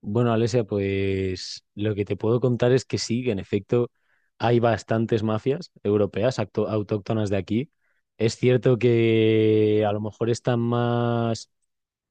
Bueno, Alesia, pues lo que te puedo contar es que sí, que en efecto hay bastantes mafias europeas autóctonas de aquí. Es cierto que a lo mejor están más,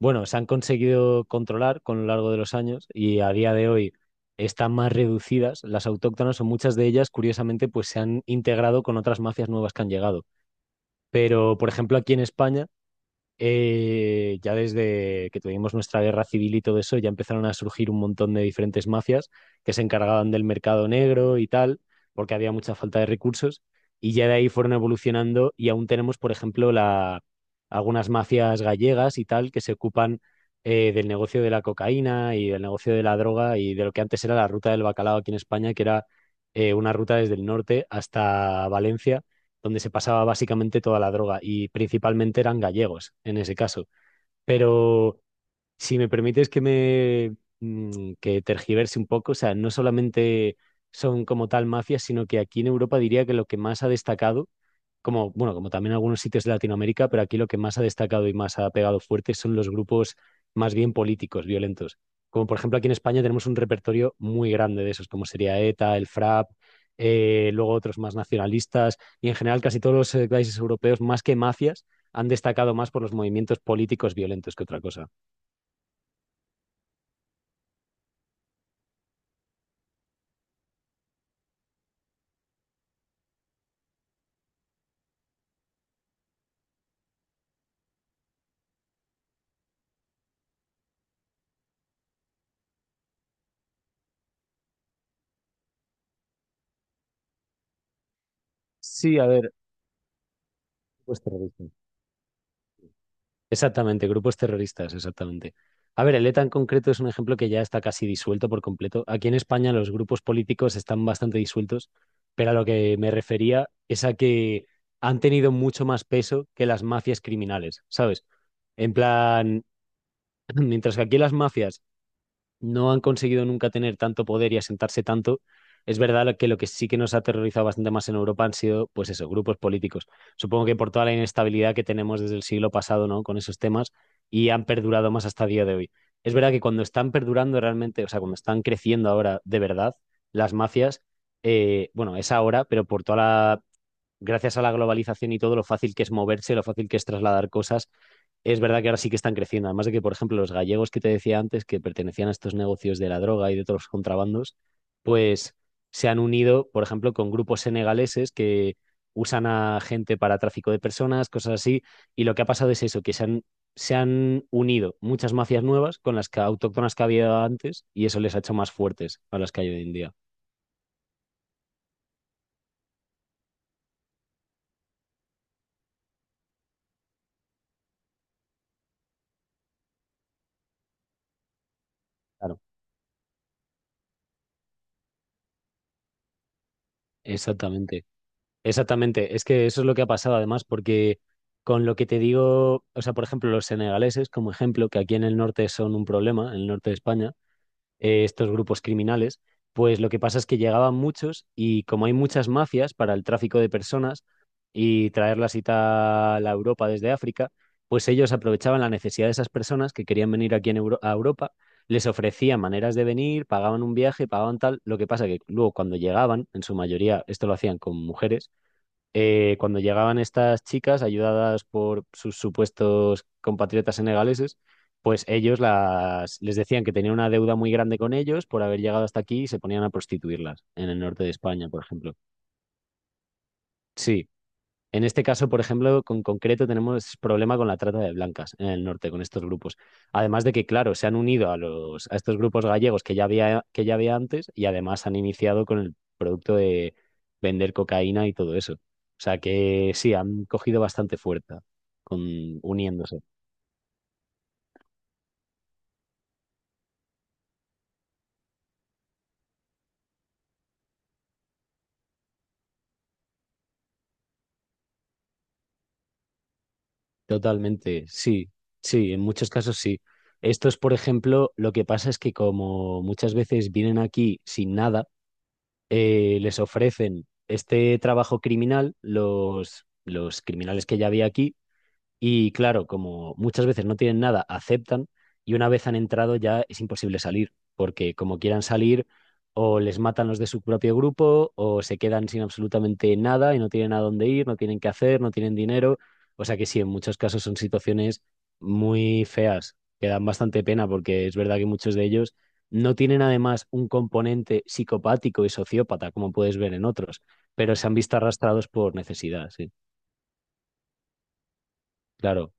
bueno, se han conseguido controlar con lo largo de los años y a día de hoy están más reducidas. Las autóctonas o muchas de ellas, curiosamente, pues se han integrado con otras mafias nuevas que han llegado. Pero, por ejemplo, aquí en España ya desde que tuvimos nuestra guerra civil y todo eso, ya empezaron a surgir un montón de diferentes mafias que se encargaban del mercado negro y tal, porque había mucha falta de recursos, y ya de ahí fueron evolucionando y aún tenemos, por ejemplo, algunas mafias gallegas y tal que se ocupan del negocio de la cocaína y del negocio de la droga y de lo que antes era la ruta del bacalao aquí en España, que era una ruta desde el norte hasta Valencia donde se pasaba básicamente toda la droga y principalmente eran gallegos en ese caso. Pero si me permites que tergiverse un poco, o sea, no solamente son como tal mafias, sino que aquí en Europa diría que lo que más ha destacado, como bueno, como también en algunos sitios de Latinoamérica, pero aquí lo que más ha destacado y más ha pegado fuerte son los grupos más bien políticos, violentos. Como por ejemplo aquí en España tenemos un repertorio muy grande de esos, como sería ETA, el FRAP, luego otros más nacionalistas y en general casi todos los países europeos, más que mafias, han destacado más por los movimientos políticos violentos que otra cosa. Sí, a ver, grupos terroristas. Exactamente, grupos terroristas, exactamente. A ver, el ETA en concreto es un ejemplo que ya está casi disuelto por completo. Aquí en España los grupos políticos están bastante disueltos, pero a lo que me refería es a que han tenido mucho más peso que las mafias criminales, ¿sabes? En plan, mientras que aquí las mafias no han conseguido nunca tener tanto poder y asentarse tanto. Es verdad lo que sí que nos ha aterrorizado bastante más en Europa han sido, pues eso, grupos políticos. Supongo que por toda la inestabilidad que tenemos desde el siglo pasado, ¿no? Con esos temas y han perdurado más hasta día de hoy. Es verdad que cuando están perdurando realmente, o sea, cuando están creciendo ahora de verdad las mafias, bueno, es ahora, pero por toda la gracias a la globalización y todo lo fácil que es moverse, lo fácil que es trasladar cosas, es verdad que ahora sí que están creciendo. Además de que, por ejemplo, los gallegos que te decía antes, que pertenecían a estos negocios de la droga y de todos los contrabandos, pues se han unido, por ejemplo, con grupos senegaleses que usan a gente para tráfico de personas, cosas así. Y lo que ha pasado es eso, que se han unido muchas mafias nuevas con las que, autóctonas que había antes y eso les ha hecho más fuertes a las que hay hoy en día. Claro, exactamente. Exactamente, es que eso es lo que ha pasado además, porque con lo que te digo, o sea, por ejemplo, los senegaleses, como ejemplo, que aquí en el norte son un problema, en el norte de España, estos grupos criminales, pues lo que pasa es que llegaban muchos y como hay muchas mafias para el tráfico de personas y traerlas y tal a Europa desde África, pues ellos aprovechaban la necesidad de esas personas que querían venir aquí a Europa, les ofrecían maneras de venir, pagaban un viaje, pagaban tal, lo que pasa que luego cuando llegaban, en su mayoría esto lo hacían con mujeres, cuando llegaban estas chicas, ayudadas por sus supuestos compatriotas senegaleses, pues ellos les decían que tenían una deuda muy grande con ellos por haber llegado hasta aquí y se ponían a prostituirlas en el norte de España, por ejemplo. Sí. En este caso, por ejemplo, con concreto tenemos problema con la trata de blancas en el norte, con estos grupos. Además de que, claro, se han unido a los, a estos grupos gallegos que ya había antes y además han iniciado con el producto de vender cocaína y todo eso. O sea que sí, han cogido bastante fuerza con, uniéndose. Totalmente, sí, sí, en muchos casos sí. Estos, por ejemplo, lo que pasa es que como muchas veces vienen aquí sin nada, les ofrecen este trabajo criminal, los criminales que ya había aquí, y claro, como muchas veces no tienen nada, aceptan y una vez han entrado ya es imposible salir, porque como quieran salir, o les matan los de su propio grupo, o se quedan sin absolutamente nada y no tienen a dónde ir, no tienen qué hacer, no tienen dinero. O sea que sí, en muchos casos son situaciones muy feas, que dan bastante pena, porque es verdad que muchos de ellos no tienen además un componente psicopático y sociópata, como puedes ver en otros, pero se han visto arrastrados por necesidad, sí, claro.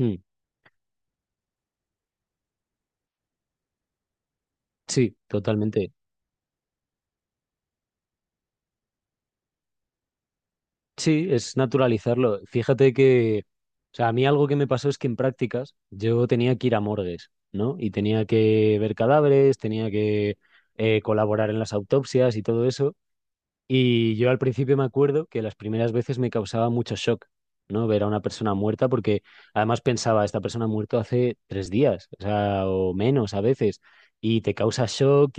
Mm, sí, totalmente. Sí, es naturalizarlo. Fíjate que, o sea, a mí algo que me pasó es que en prácticas yo tenía que ir a morgues, ¿no? Y tenía que ver cadáveres, tenía que colaborar en las autopsias y todo eso. Y yo al principio me acuerdo que las primeras veces me causaba mucho shock, ¿no? Ver a una persona muerta, porque además pensaba, esta persona ha muerto hace 3 días, o sea, o menos a veces, y te causa shock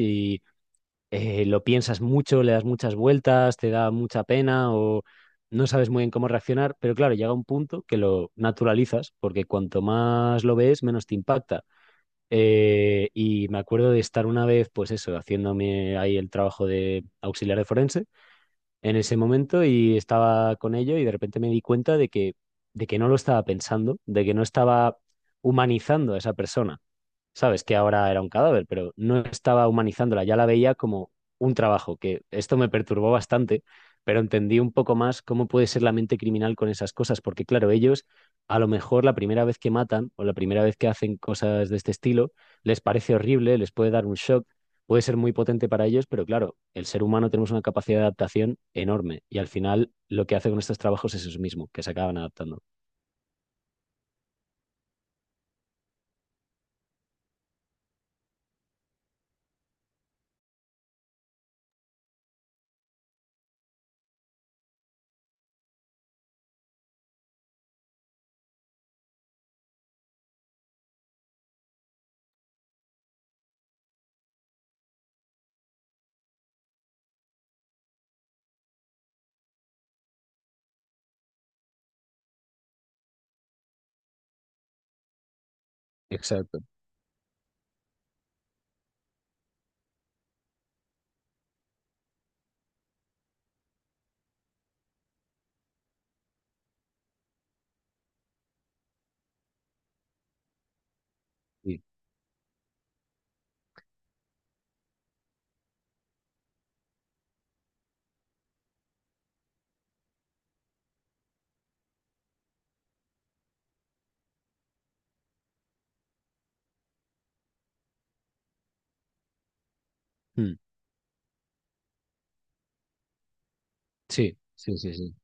lo piensas mucho, le das muchas vueltas, te da mucha pena o no sabes muy bien cómo reaccionar, pero claro, llega un punto que lo naturalizas porque cuanto más lo ves, menos te impacta. Y me acuerdo de estar una vez, pues eso, haciéndome ahí el trabajo de auxiliar de forense en ese momento y estaba con ello y de repente me di cuenta de que, no lo estaba pensando, de que no estaba humanizando a esa persona, sabes que ahora era un cadáver, pero no estaba humanizándola, ya la veía como un trabajo, que esto me perturbó bastante, pero entendí un poco más cómo puede ser la mente criminal con esas cosas, porque claro, ellos a lo mejor la primera vez que matan o la primera vez que hacen cosas de este estilo les parece horrible, les puede dar un shock, puede ser muy potente para ellos, pero claro, el ser humano tenemos una capacidad de adaptación enorme y al final lo que hace con estos trabajos es eso mismo, que se acaban adaptando. Exacto. Sí, mm, sí, sí, sí, sí.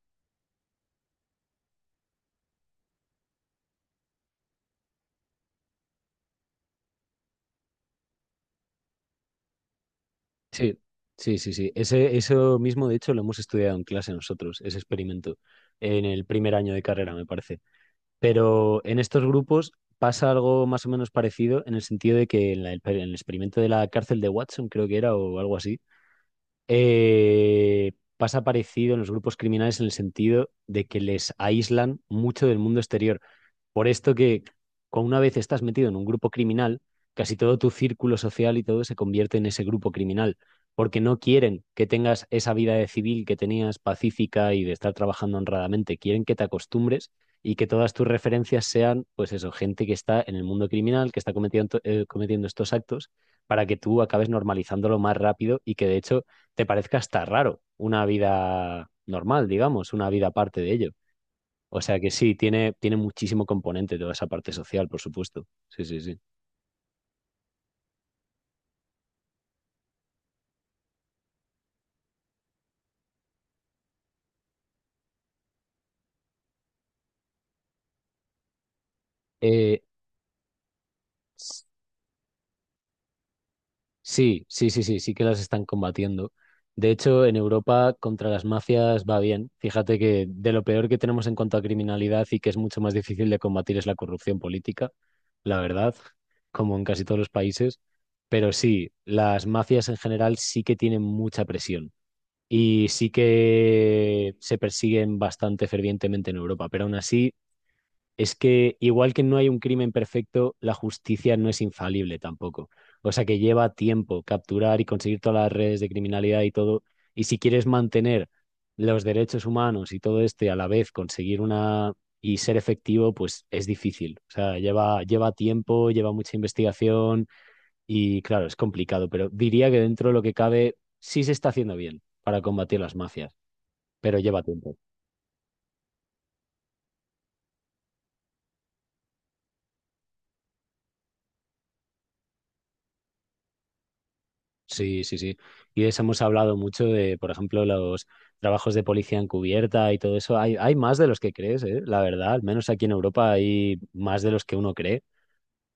Sí, sí, sí, sí. Eso mismo, de hecho, lo hemos estudiado en clase nosotros, ese experimento, en el primer año de carrera, me parece. Pero en estos grupos pasa algo más o menos parecido en el sentido de que en el experimento de la cárcel de Watson, creo que era, o algo así, eh, pasa parecido en los grupos criminales en el sentido de que les aíslan mucho del mundo exterior. Por esto que con una vez estás metido en un grupo criminal, casi todo tu círculo social y todo se convierte en ese grupo criminal, porque no quieren que tengas esa vida de civil que tenías pacífica y de estar trabajando honradamente, quieren que te acostumbres y que todas tus referencias sean, pues eso, gente que está en el mundo criminal, que está cometiendo, cometiendo estos actos, para que tú acabes normalizándolo más rápido y que de hecho te parezca hasta raro una vida normal, digamos, una vida aparte de ello. O sea que sí, tiene muchísimo componente toda esa parte social, por supuesto. Sí, sí, sí. Eh, s- sí, sí, sí, sí, sí que las están combatiendo. De hecho, en Europa contra las mafias va bien. Fíjate que de lo peor que tenemos en cuanto a criminalidad y que es mucho más difícil de combatir es la corrupción política, la verdad, como en casi todos los países. Pero sí, las mafias en general sí que tienen mucha presión y sí que se persiguen bastante fervientemente en Europa, pero aún así es que igual que no hay un crimen perfecto, la justicia no es infalible tampoco. O sea que lleva tiempo capturar y conseguir todas las redes de criminalidad y todo. Y si quieres mantener los derechos humanos y todo este a la vez, conseguir una y ser efectivo, pues es difícil. O sea, lleva tiempo, lleva mucha investigación y claro, es complicado, pero diría que dentro de lo que cabe sí se está haciendo bien para combatir las mafias, pero lleva tiempo. Sí, sí, sí. Y de eso hemos hablado mucho de, por ejemplo, los trabajos de policía encubierta y todo eso. Hay más de los que crees, ¿eh? La verdad, al menos aquí en Europa hay más de los que uno cree.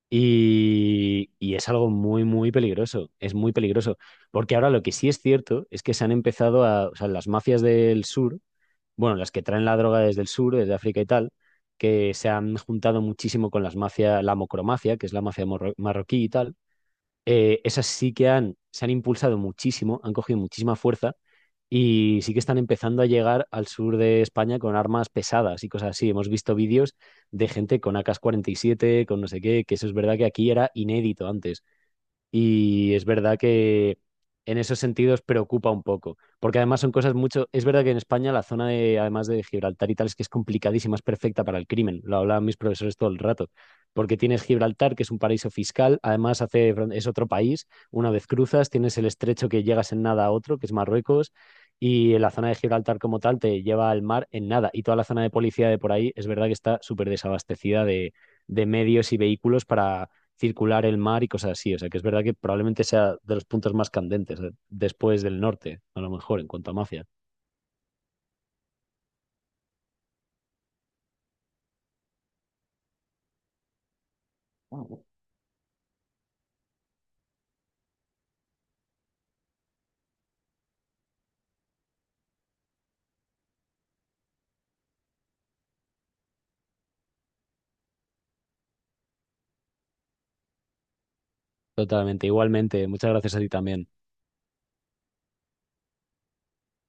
Y es algo muy, muy peligroso. Es muy peligroso. Porque ahora lo que sí es cierto es que se han empezado o sea, las mafias del sur, bueno, las que traen la droga desde el sur, desde África y tal, que se han juntado muchísimo con las mafias, la mocromacia, que es la mafia marroquí y tal, esas sí que se han impulsado muchísimo, han cogido muchísima fuerza y sí que están empezando a llegar al sur de España con armas pesadas y cosas así. Hemos visto vídeos de gente con AK-47, con no sé qué, que eso es verdad que aquí era inédito antes. Y es verdad que en esos sentidos preocupa un poco, porque además son cosas mucho... Es verdad que en España la zona de, además de Gibraltar y tal, es que es complicadísima, es perfecta para el crimen. Lo hablaban mis profesores todo el rato, porque tienes Gibraltar, que es un paraíso fiscal, además hace, es otro país, una vez cruzas, tienes el estrecho que llegas en nada a otro, que es Marruecos, y la zona de Gibraltar como tal te lleva al mar en nada. Y toda la zona de policía de por ahí es verdad que está súper desabastecida de, medios y vehículos para circular el mar y cosas así. O sea, que es verdad que probablemente sea de los puntos más candentes, después del norte, a lo mejor, en cuanto a mafia. Totalmente. Igualmente, muchas gracias a ti también.